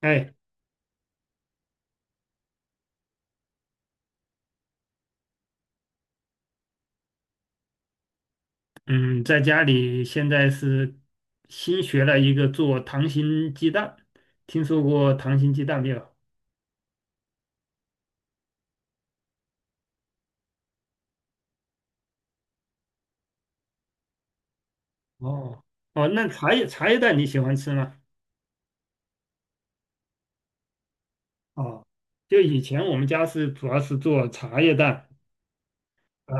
哎，嗯，在家里现在是新学了一个做糖心鸡蛋，听说过糖心鸡蛋没有？哦哦，那茶叶蛋你喜欢吃吗？哦就以前我们家是主要是做茶叶蛋，啊，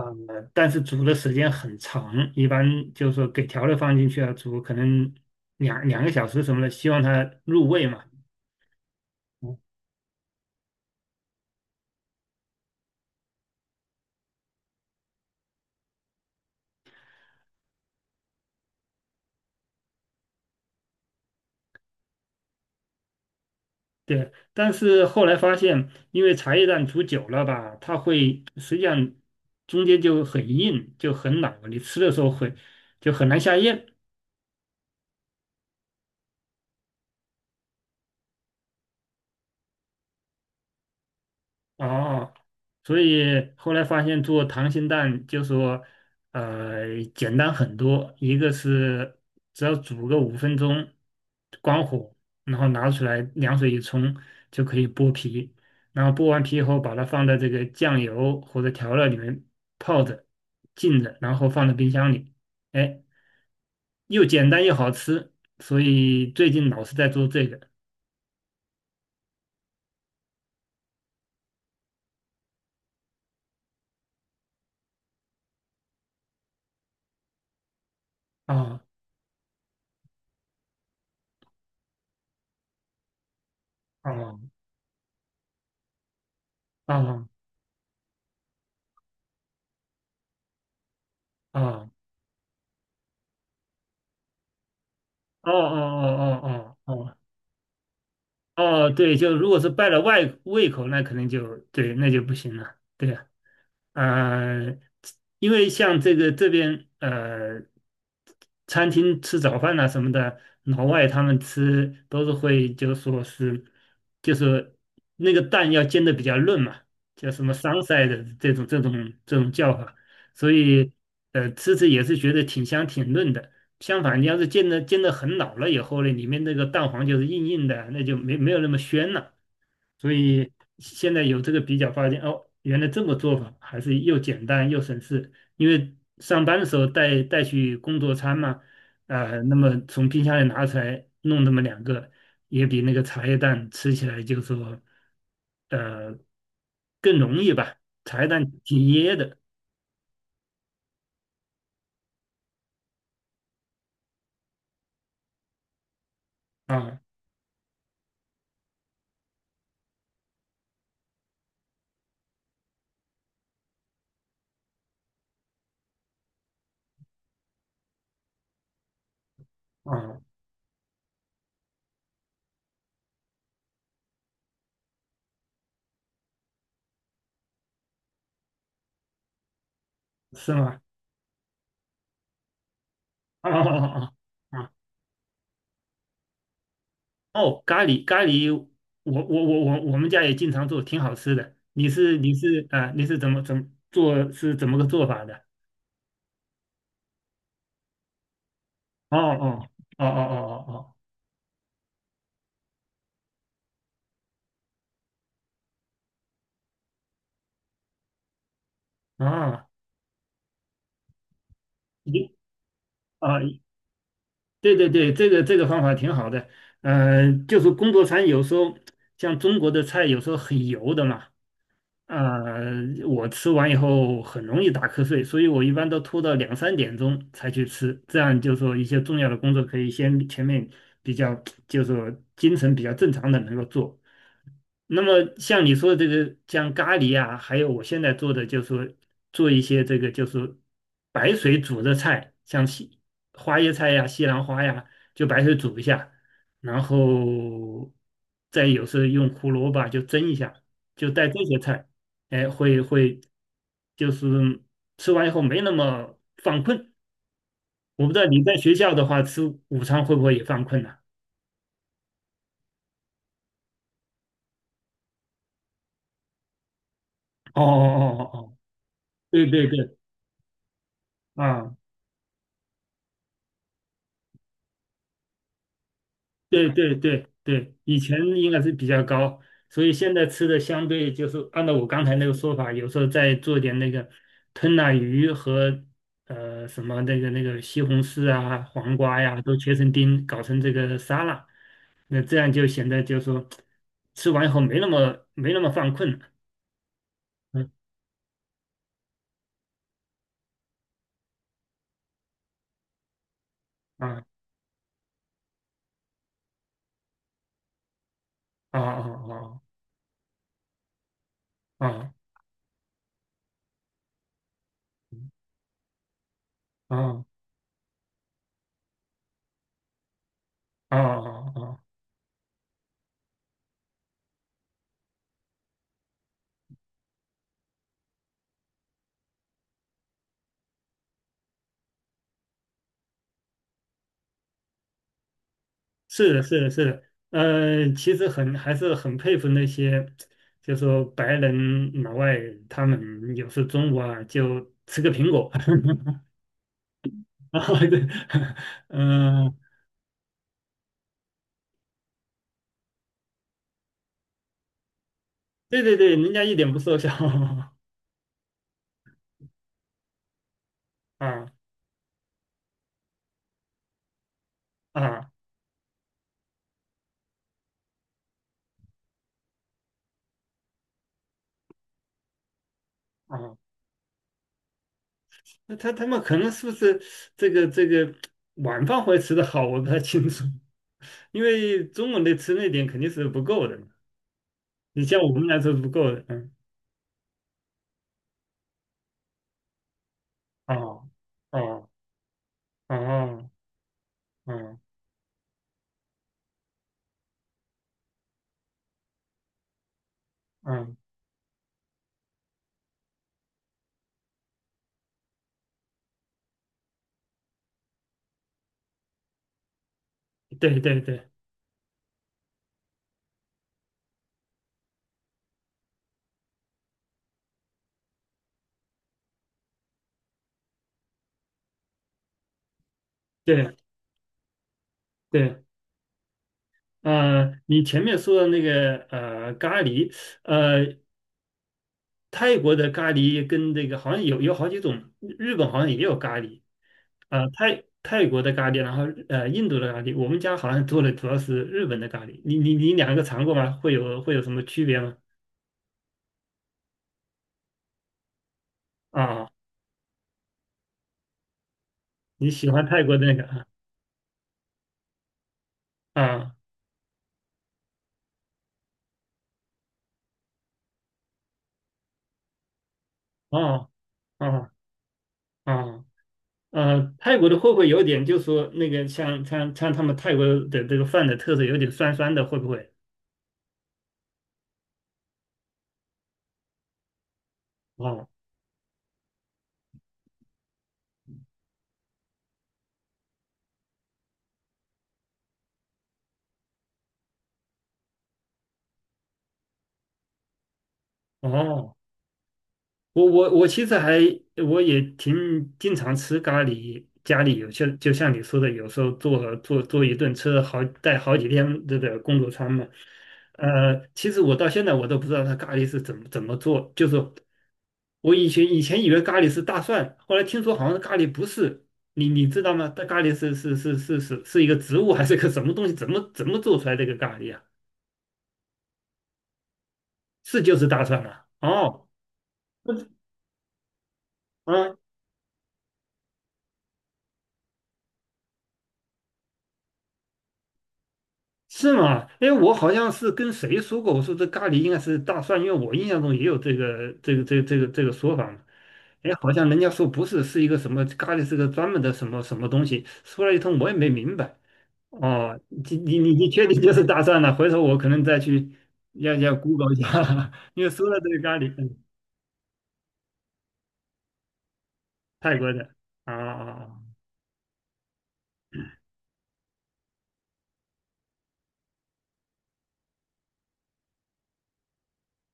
但是煮的时间很长，一般就是说给调料放进去啊，煮可能两个小时什么的，希望它入味嘛。对，但是后来发现，因为茶叶蛋煮久了吧，它会实际上中间就很硬，就很老，你吃的时候会就很难下咽。哦，所以后来发现做溏心蛋就说，简单很多。一个是只要煮个5分钟，关火，然后拿出来凉水一冲就可以剥皮。然后剥完皮以后，把它放在这个酱油或者调料里面泡着、浸着，然后放到冰箱里。哎，又简单又好吃，所以最近老是在做这个。哦哦哦哦哦哦哦哦哦哦哦。哦，对，就如果是败了外胃口，那肯定就对，那就不行了。对呀。呃，因为像这个这边餐厅吃早饭呐什么的，老外他们吃都是会就说是，就是那个蛋要煎的比较嫩嘛，叫什么 sunset 的这种叫法，所以吃着也是觉得挺香挺嫩的。相反，你要是煎的很老了以后呢，里面那个蛋黄就是硬硬的，那就没有那么鲜了。所以现在有这个比较，发现哦，原来这么做法还是又简单又省事。因为上班的时候带去工作餐嘛，那么从冰箱里拿出来弄那么两个，也比那个茶叶蛋吃起来就说，呃，更容易吧。茶叶蛋挺噎的啊啊，是吗？啊啊啊！啊哦，咖喱咖喱，我们家也经常做，挺好吃的。你是啊、你是怎么怎么做？是怎么个做法的？哦哦哦哦哦哦哦，啊，你啊，对对对，这个这个方法挺好的。嗯，就是工作餐有时候像中国的菜有时候很油的嘛，呃，我吃完以后很容易打瞌睡，所以我一般都拖到2、3点钟才去吃，这样就说一些重要的工作可以先前面比较，就说精神比较正常的能够做。那么像你说的这个，像咖喱啊，还有我现在做的就是说做一些这个就是白水煮的菜，像西花椰菜呀、西兰花呀，就白水煮一下，然后再有时候用胡萝卜就蒸一下，就带这些菜，哎，会就是吃完以后没那么犯困。我不知道你在学校的话吃午餐会不会也犯困呢、哦哦哦哦哦，对对对，啊对对对对，以前应该是比较高，所以现在吃的相对就是按照我刚才那个说法，有时候再做点那个吞拿鱼和什么那个西红柿啊、黄瓜呀、都切成丁，搞成这个沙拉，那这样就显得就是说吃完以后没那么犯困了。嗯啊啊啊啊啊啊啊啊啊！是的，是的，是的，其实很还是很佩服那些，就说白人老外，他们有时中午啊就吃个苹果，然后对 嗯、对对对，人家一点不瘦小 啊啊啊，那他们可能是不是这个这个晚饭会吃的好，我不太清楚，因为中午的吃那点肯定是不够的嘛你像我们来说是不够的，嗯，哦哦哦哦。嗯嗯对对对对对，你前面说的那个咖喱，呃，泰国的咖喱跟这个好像有好几种，日本好像也有咖喱，泰泰国的咖喱，然后印度的咖喱，我们家好像做的主要是日本的咖喱，你两个尝过吗？会有会有什么区别吗？啊，你喜欢泰国的那个啊啊哦哦啊。哦泰国的会不会有点，就是说那个像他们泰国的这个饭的特色，有点酸酸的，会不会？哦哦我其实还我也挺经常吃咖喱，家里有些就像你说的，有时候做一顿吃好带好几天这个工作餐嘛。其实我到现在我都不知道它咖喱是怎么怎么做，就是我以前以为咖喱是大蒜，后来听说好像咖喱不是，你你知道吗？它咖喱是一个植物还是个什么东西？怎么怎么做出来这个咖喱啊？是就是大蒜啊？哦，啊。是吗？哎，我好像是跟谁说过，我说这咖喱应该是大蒜，因为我印象中也有这个说法嘛。哎，好像人家说不是，是一个什么咖喱，是个专门的什么什么东西。说了一通，我也没明白。哦，你确定就是大蒜了？回头我可能再去要 Google 一下，因为说了这个咖喱，嗯，泰国的啊啊啊。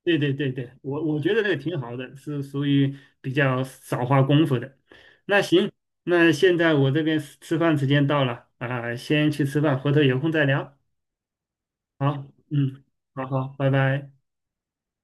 对对对对，我我觉得这个挺好的，是属于比较少花功夫的。那行，那现在我这边吃吃饭时间到了啊，先去吃饭，回头有空再聊。好，嗯，好好，拜拜。